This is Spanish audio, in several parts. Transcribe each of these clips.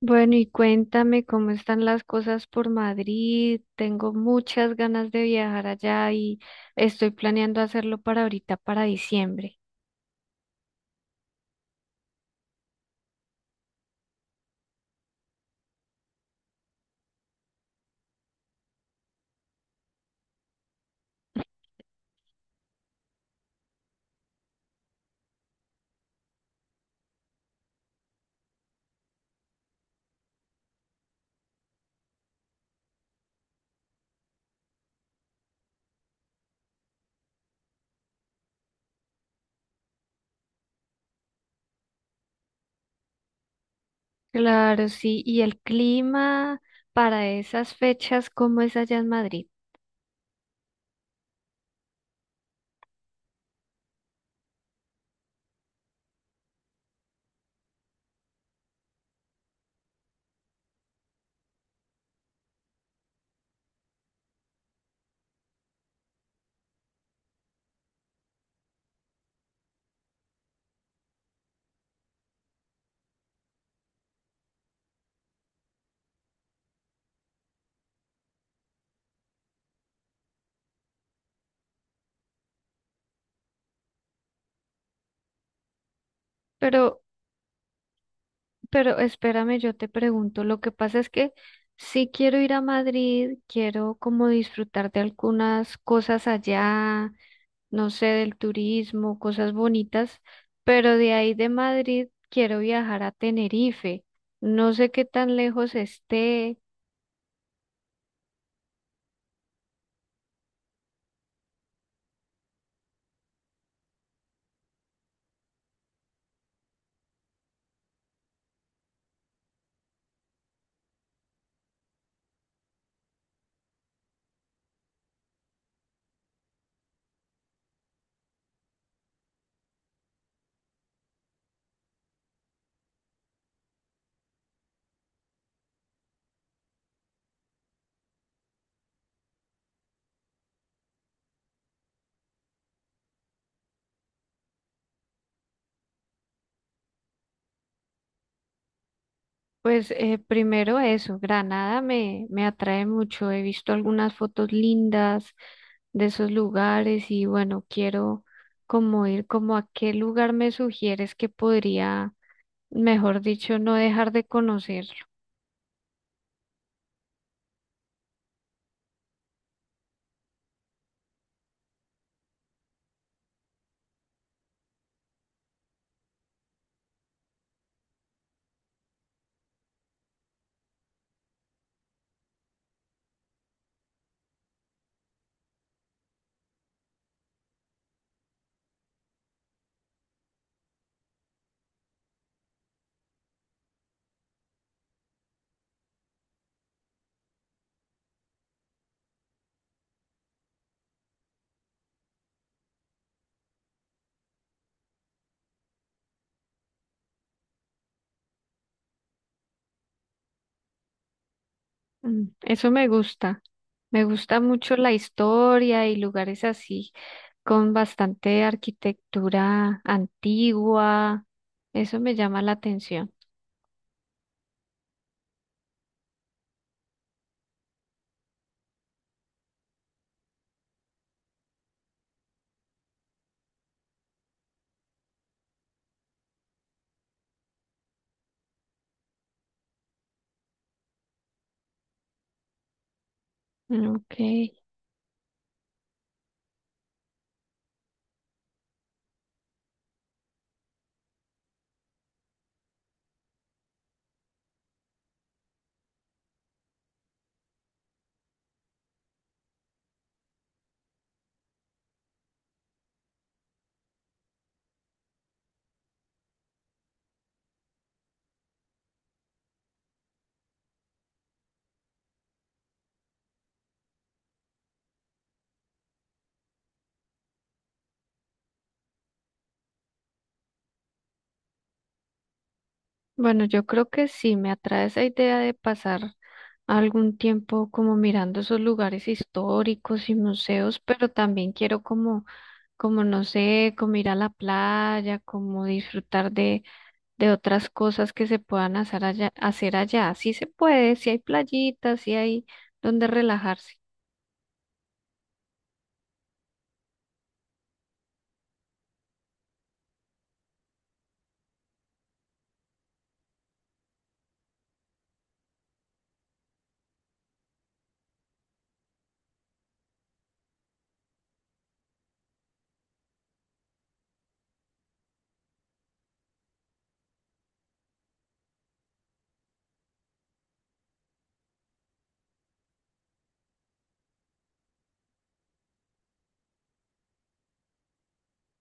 Bueno, y cuéntame cómo están las cosas por Madrid. Tengo muchas ganas de viajar allá y estoy planeando hacerlo para ahorita, para diciembre. Claro, sí. Y el clima para esas fechas, ¿cómo es allá en Madrid? Pero, pero espérame, yo te pregunto. Lo que pasa es que si quiero ir a Madrid, quiero como disfrutar de algunas cosas allá, no sé, del turismo, cosas bonitas, pero de ahí de Madrid quiero viajar a Tenerife. No sé qué tan lejos esté. Pues primero eso, Granada me atrae mucho. He visto algunas fotos lindas de esos lugares y bueno, quiero como ir como a qué lugar me sugieres que podría, mejor dicho, no dejar de conocerlo. Mm, Eso me gusta. Me gusta mucho la historia y lugares así, con bastante arquitectura antigua. Eso me llama la atención. Ok. Bueno, yo creo que sí, me atrae esa idea de pasar algún tiempo como mirando esos lugares históricos y museos, pero también quiero como, como no sé, como ir a la playa, como disfrutar de otras cosas que se puedan hacer allá, Sí se puede, si hay playitas, si hay donde relajarse.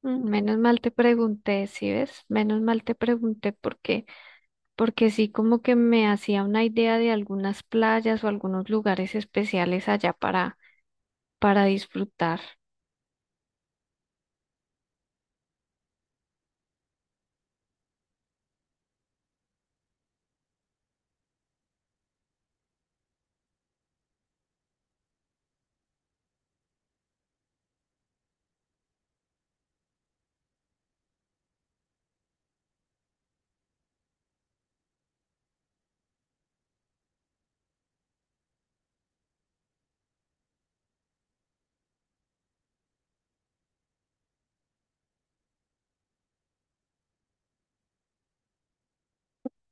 Mm, Menos mal te pregunté, ¿sí ves? Menos mal te pregunté por qué, porque sí como que me hacía una idea de algunas playas o algunos lugares especiales allá para disfrutar,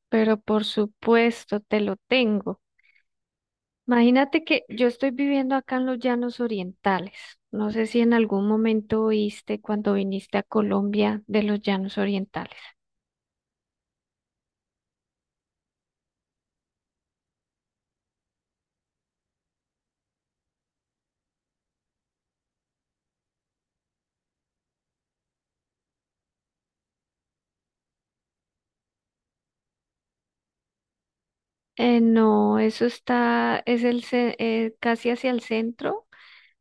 pero por supuesto te lo tengo. Imagínate que yo estoy viviendo acá en los Llanos Orientales. No sé si en algún momento oíste cuando viniste a Colombia de los Llanos Orientales. No, eso está, casi hacia el centro,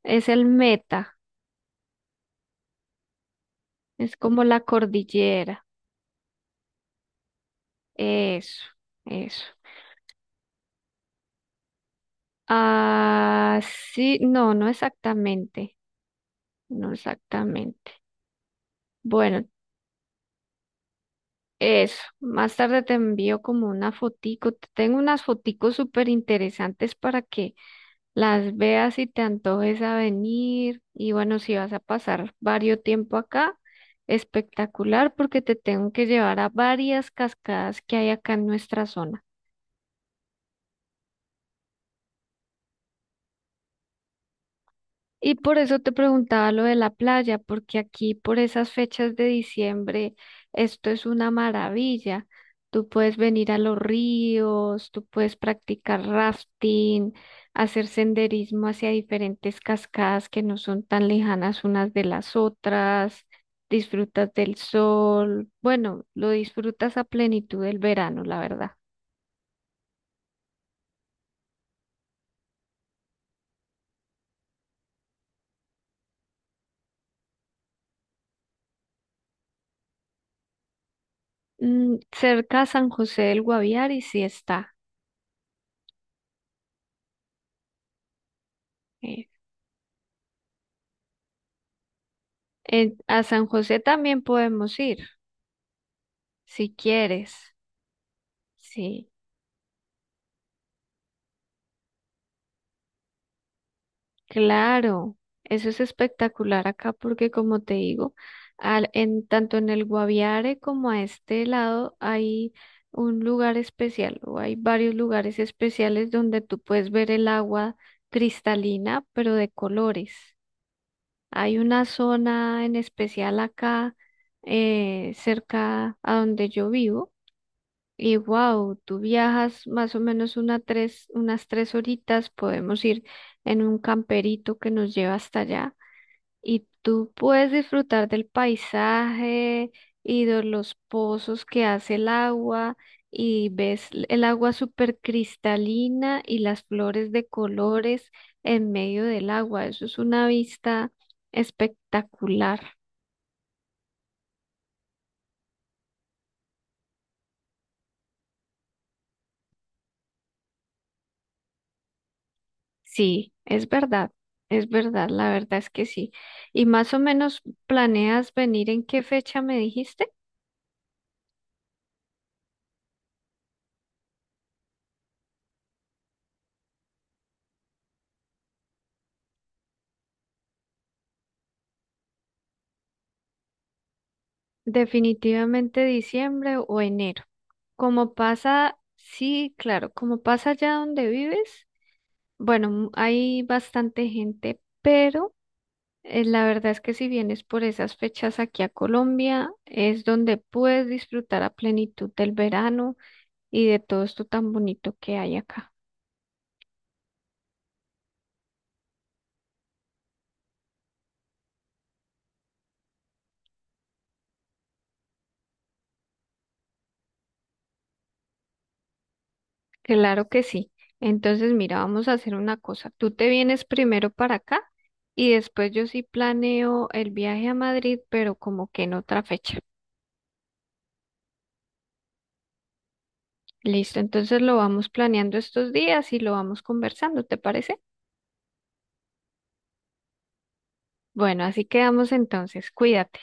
es el Meta, es como la cordillera. Eso, eso. Ah, sí, no, no exactamente, no exactamente. Bueno, eso, más tarde te envío como una fotico. Te tengo unas foticos súper interesantes para que las veas y te antojes a venir. Y bueno, si vas a pasar varios tiempo acá, espectacular porque te tengo que llevar a varias cascadas que hay acá en nuestra zona. Y por eso te preguntaba lo de la playa, porque aquí por esas fechas de diciembre esto es una maravilla. Tú puedes venir a los ríos, tú puedes practicar rafting, hacer senderismo hacia diferentes cascadas que no son tan lejanas unas de las otras, disfrutas del sol, bueno, lo disfrutas a plenitud del verano, la verdad. Mm, cerca a San José del Guaviare sí está. eh, a San José también podemos ir, si quieres. Sí, claro. Eso es espectacular acá porque como te digo, tanto en el Guaviare como a este lado hay un lugar especial o hay varios lugares especiales donde tú puedes ver el agua cristalina, pero de colores. Hay una zona en especial acá cerca a donde yo vivo. Y wow, tú viajas más o menos unas 3 horitas, podemos ir en un camperito que nos lleva hasta allá y tú puedes disfrutar del paisaje y de los pozos que hace el agua y ves el agua súper cristalina y las flores de colores en medio del agua. Eso es una vista espectacular. Sí, es verdad, la verdad es que sí. ¿Y más o menos planeas venir en qué fecha me dijiste? Definitivamente diciembre o enero. Como pasa, sí, claro, como pasa allá donde vives, bueno, hay bastante gente, pero la verdad es que si vienes por esas fechas aquí a Colombia, es donde puedes disfrutar a plenitud del verano y de todo esto tan bonito que hay acá. Claro que sí. Entonces, mira, vamos a hacer una cosa. Tú te vienes primero para acá y después yo sí planeo el viaje a Madrid, pero como que en otra fecha. Listo, entonces lo vamos planeando estos días y lo vamos conversando, ¿te parece? Bueno, así quedamos entonces. Cuídate.